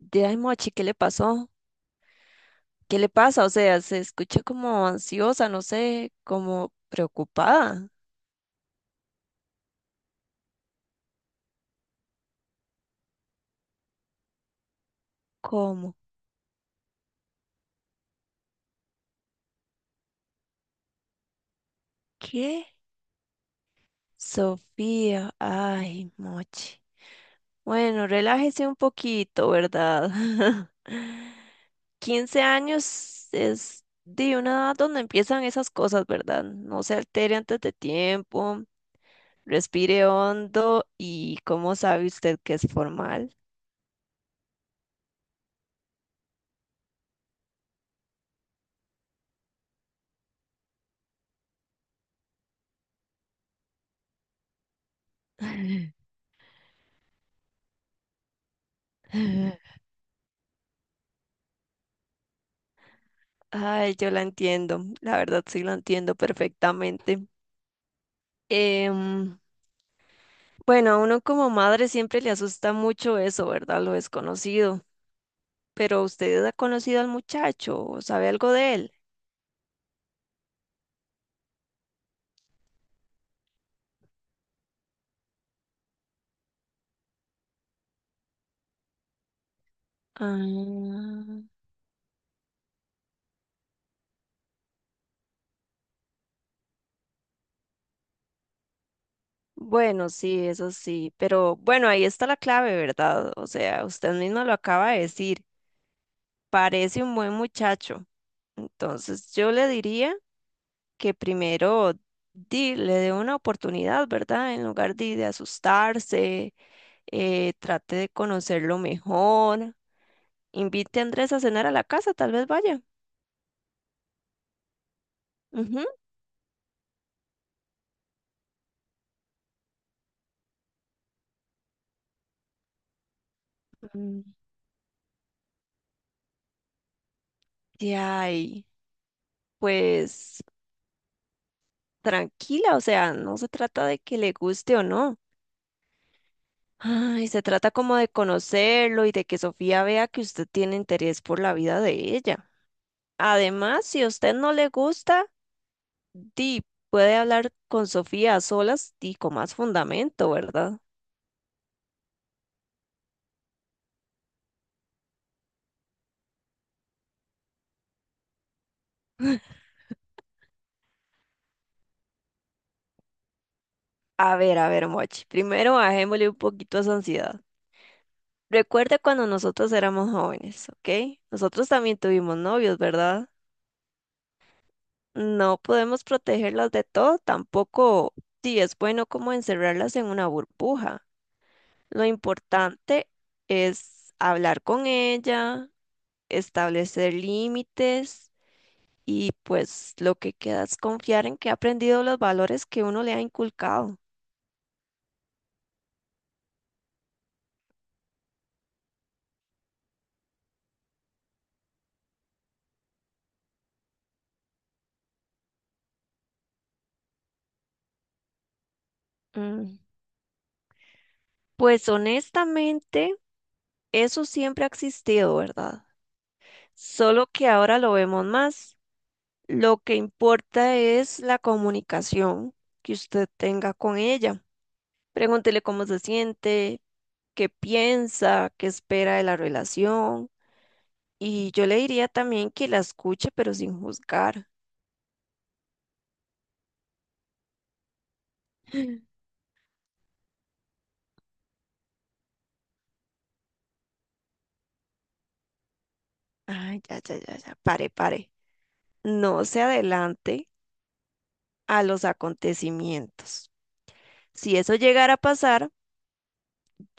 De ay, Mochi, ¿qué le pasó? ¿Qué le pasa? O sea, se escucha como ansiosa, no sé, como preocupada. ¿Cómo? ¿Qué? Sofía, ay, Mochi. Bueno, relájese un poquito, ¿verdad? 15 años es de una edad donde empiezan esas cosas, ¿verdad? No se altere antes de tiempo, respire hondo y ¿cómo sabe usted que es formal? Ay, yo la entiendo, la verdad sí la entiendo perfectamente. Em, bueno, a uno como madre siempre le asusta mucho eso, ¿verdad? Lo desconocido. Pero ¿usted ha conocido al muchacho o sabe algo de él? Ah, bueno, sí, eso sí. Pero bueno, ahí está la clave, ¿verdad? O sea, usted mismo lo acaba de decir. Parece un buen muchacho. Entonces yo le diría que primero le dé una oportunidad, ¿verdad? En lugar de asustarse, trate de conocerlo mejor, invite a Andrés a cenar a la casa, tal vez vaya. Ujú. Mm, Y ay, pues tranquila, o sea, no se trata de que le guste o no. Ay, se trata como de conocerlo y de que Sofía vea que usted tiene interés por la vida de ella. Además, si a usted no le gusta, di, puede hablar con Sofía a solas y con más fundamento, ¿verdad? A ver, Mochi, primero bajémosle un poquito a esa ansiedad. Recuerda cuando nosotros éramos jóvenes, ¿ok? Nosotros también tuvimos novios, ¿verdad? No podemos protegerlas de todo, tampoco sí es bueno como encerrarlas en una burbuja. Lo importante es hablar con ella, establecer límites y pues lo que queda es confiar en que ha aprendido los valores que uno le ha inculcado. Mm, Pues honestamente, eso siempre ha existido, ¿verdad? Solo que ahora lo vemos más. Lo que importa es la comunicación que usted tenga con ella. Pregúntele cómo se siente, qué piensa, qué espera de la relación. Y yo le diría también que la escuche, pero sin juzgar. Ay, ya, ya, ya, ya, pare, pare. No se adelante a los acontecimientos. Si eso llegara a pasar,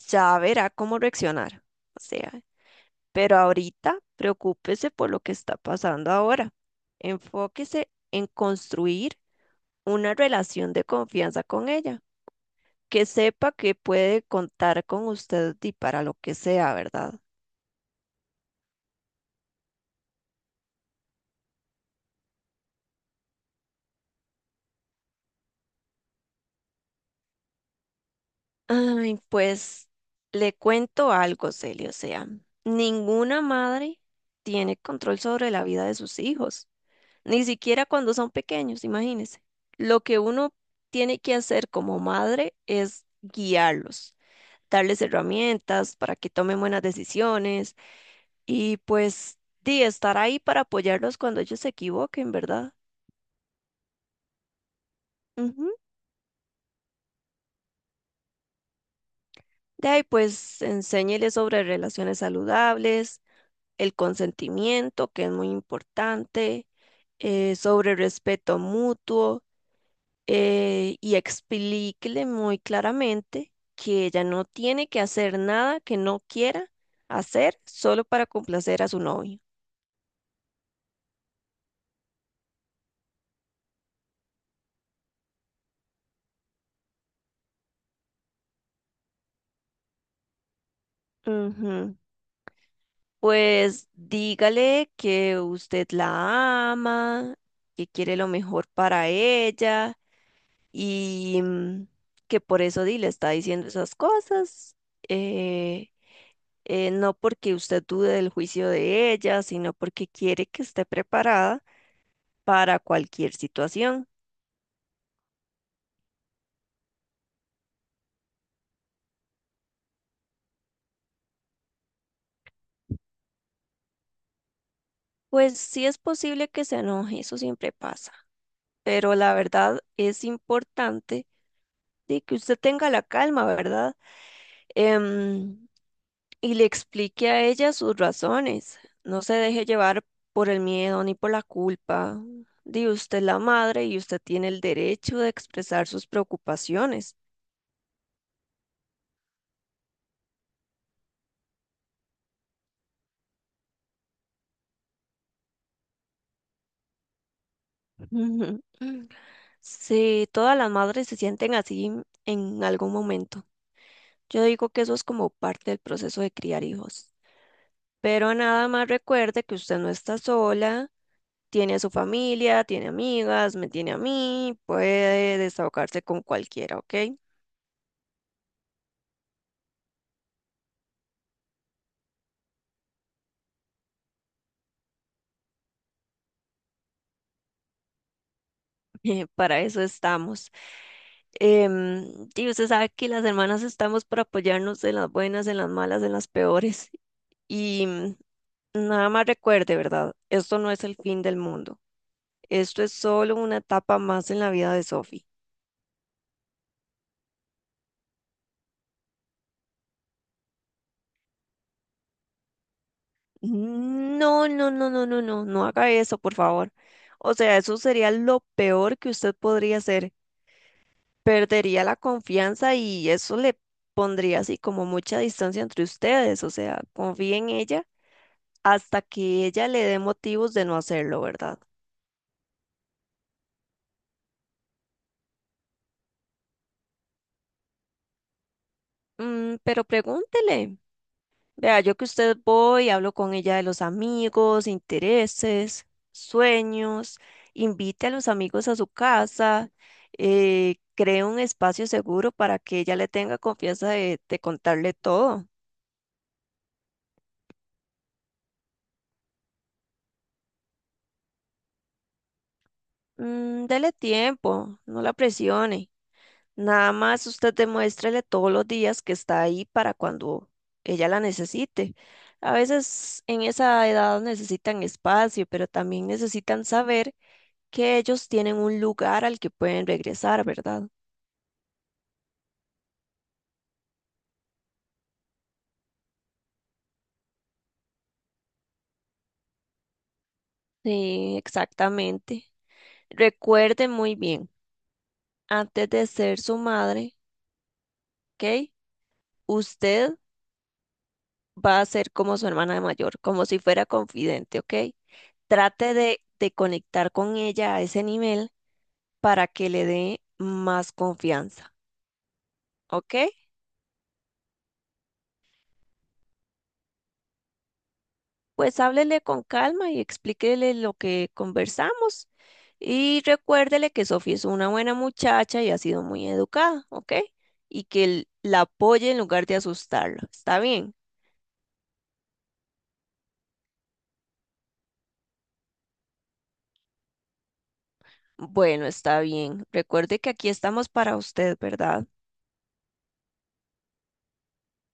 ya verá cómo reaccionar. O sea, pero ahorita, preocúpese por lo que está pasando ahora. Enfóquese en construir una relación de confianza con ella, que sepa que puede contar con usted y para lo que sea, ¿verdad? Ay, pues le cuento algo, Celia, o sea, ninguna madre tiene control sobre la vida de sus hijos, ni siquiera cuando son pequeños, imagínese. Lo que uno tiene que hacer como madre es guiarlos, darles herramientas para que tomen buenas decisiones y pues di, estar ahí para apoyarlos cuando ellos se equivoquen, ¿verdad? Ujú. De ahí pues enséñeles sobre relaciones saludables, el consentimiento, que es muy importante, sobre respeto mutuo, y explíquele muy claramente que ella no tiene que hacer nada que no quiera hacer solo para complacer a su novio. Ujú. Pues dígale que usted la ama, que quiere lo mejor para ella y, que por eso di le está diciendo esas cosas. eh, no porque usted dude del juicio de ella, sino porque quiere que esté preparada para cualquier situación. Pues sí es posible que se enoje, eso siempre pasa, pero la verdad es importante de que usted tenga la calma, ¿verdad? Em, y le explique a ella sus razones. No se deje llevar por el miedo ni por la culpa. Di usted es la madre y usted tiene el derecho de expresar sus preocupaciones. Sí, todas las madres se sienten así en algún momento. Yo digo que eso es como parte del proceso de criar hijos. Pero nada más recuerde que usted no está sola, tiene a su familia, tiene amigas, me tiene a mí, puede desahogarse con cualquiera, ¿ok? Para eso estamos. Y usted sabe que las hermanas estamos para apoyarnos en las buenas, en las malas, en las peores. Y nada más recuerde, ¿verdad? Esto no es el fin del mundo. Esto es solo una etapa más en la vida de Sophie. No, no, no, no, no, no, no haga eso, por favor. O sea, eso sería lo peor que usted podría hacer. Perdería la confianza y eso le pondría así como mucha distancia entre ustedes. O sea, confíe en ella hasta que ella le dé motivos de no hacerlo, ¿verdad? Pero pregúntele. Vea, yo que usted voy, hablo con ella de los amigos, intereses, sueños, invite a los amigos a su casa, cree un espacio seguro para que ella le tenga confianza de contarle todo. Dele tiempo, no la presione. Nada más usted demuéstrele todos los días que está ahí para cuando ella la necesite. A veces en esa edad necesitan espacio, pero también necesitan saber que ellos tienen un lugar al que pueden regresar, ¿verdad? Sí, exactamente. Recuerde muy bien, antes de ser su madre, ¿ok? Usted va a ser como su hermana mayor, como si fuera confidente, ¿ok? Trate de conectar con ella a ese nivel para que le dé más confianza, ¿ok? Pues háblele con calma y explíquele lo que conversamos y recuérdele que Sofía es una buena muchacha y ha sido muy educada, ¿ok? Y que la apoye en lugar de asustarla, ¿está bien? Bueno, está bien. Recuerde que aquí estamos para usted, ¿verdad?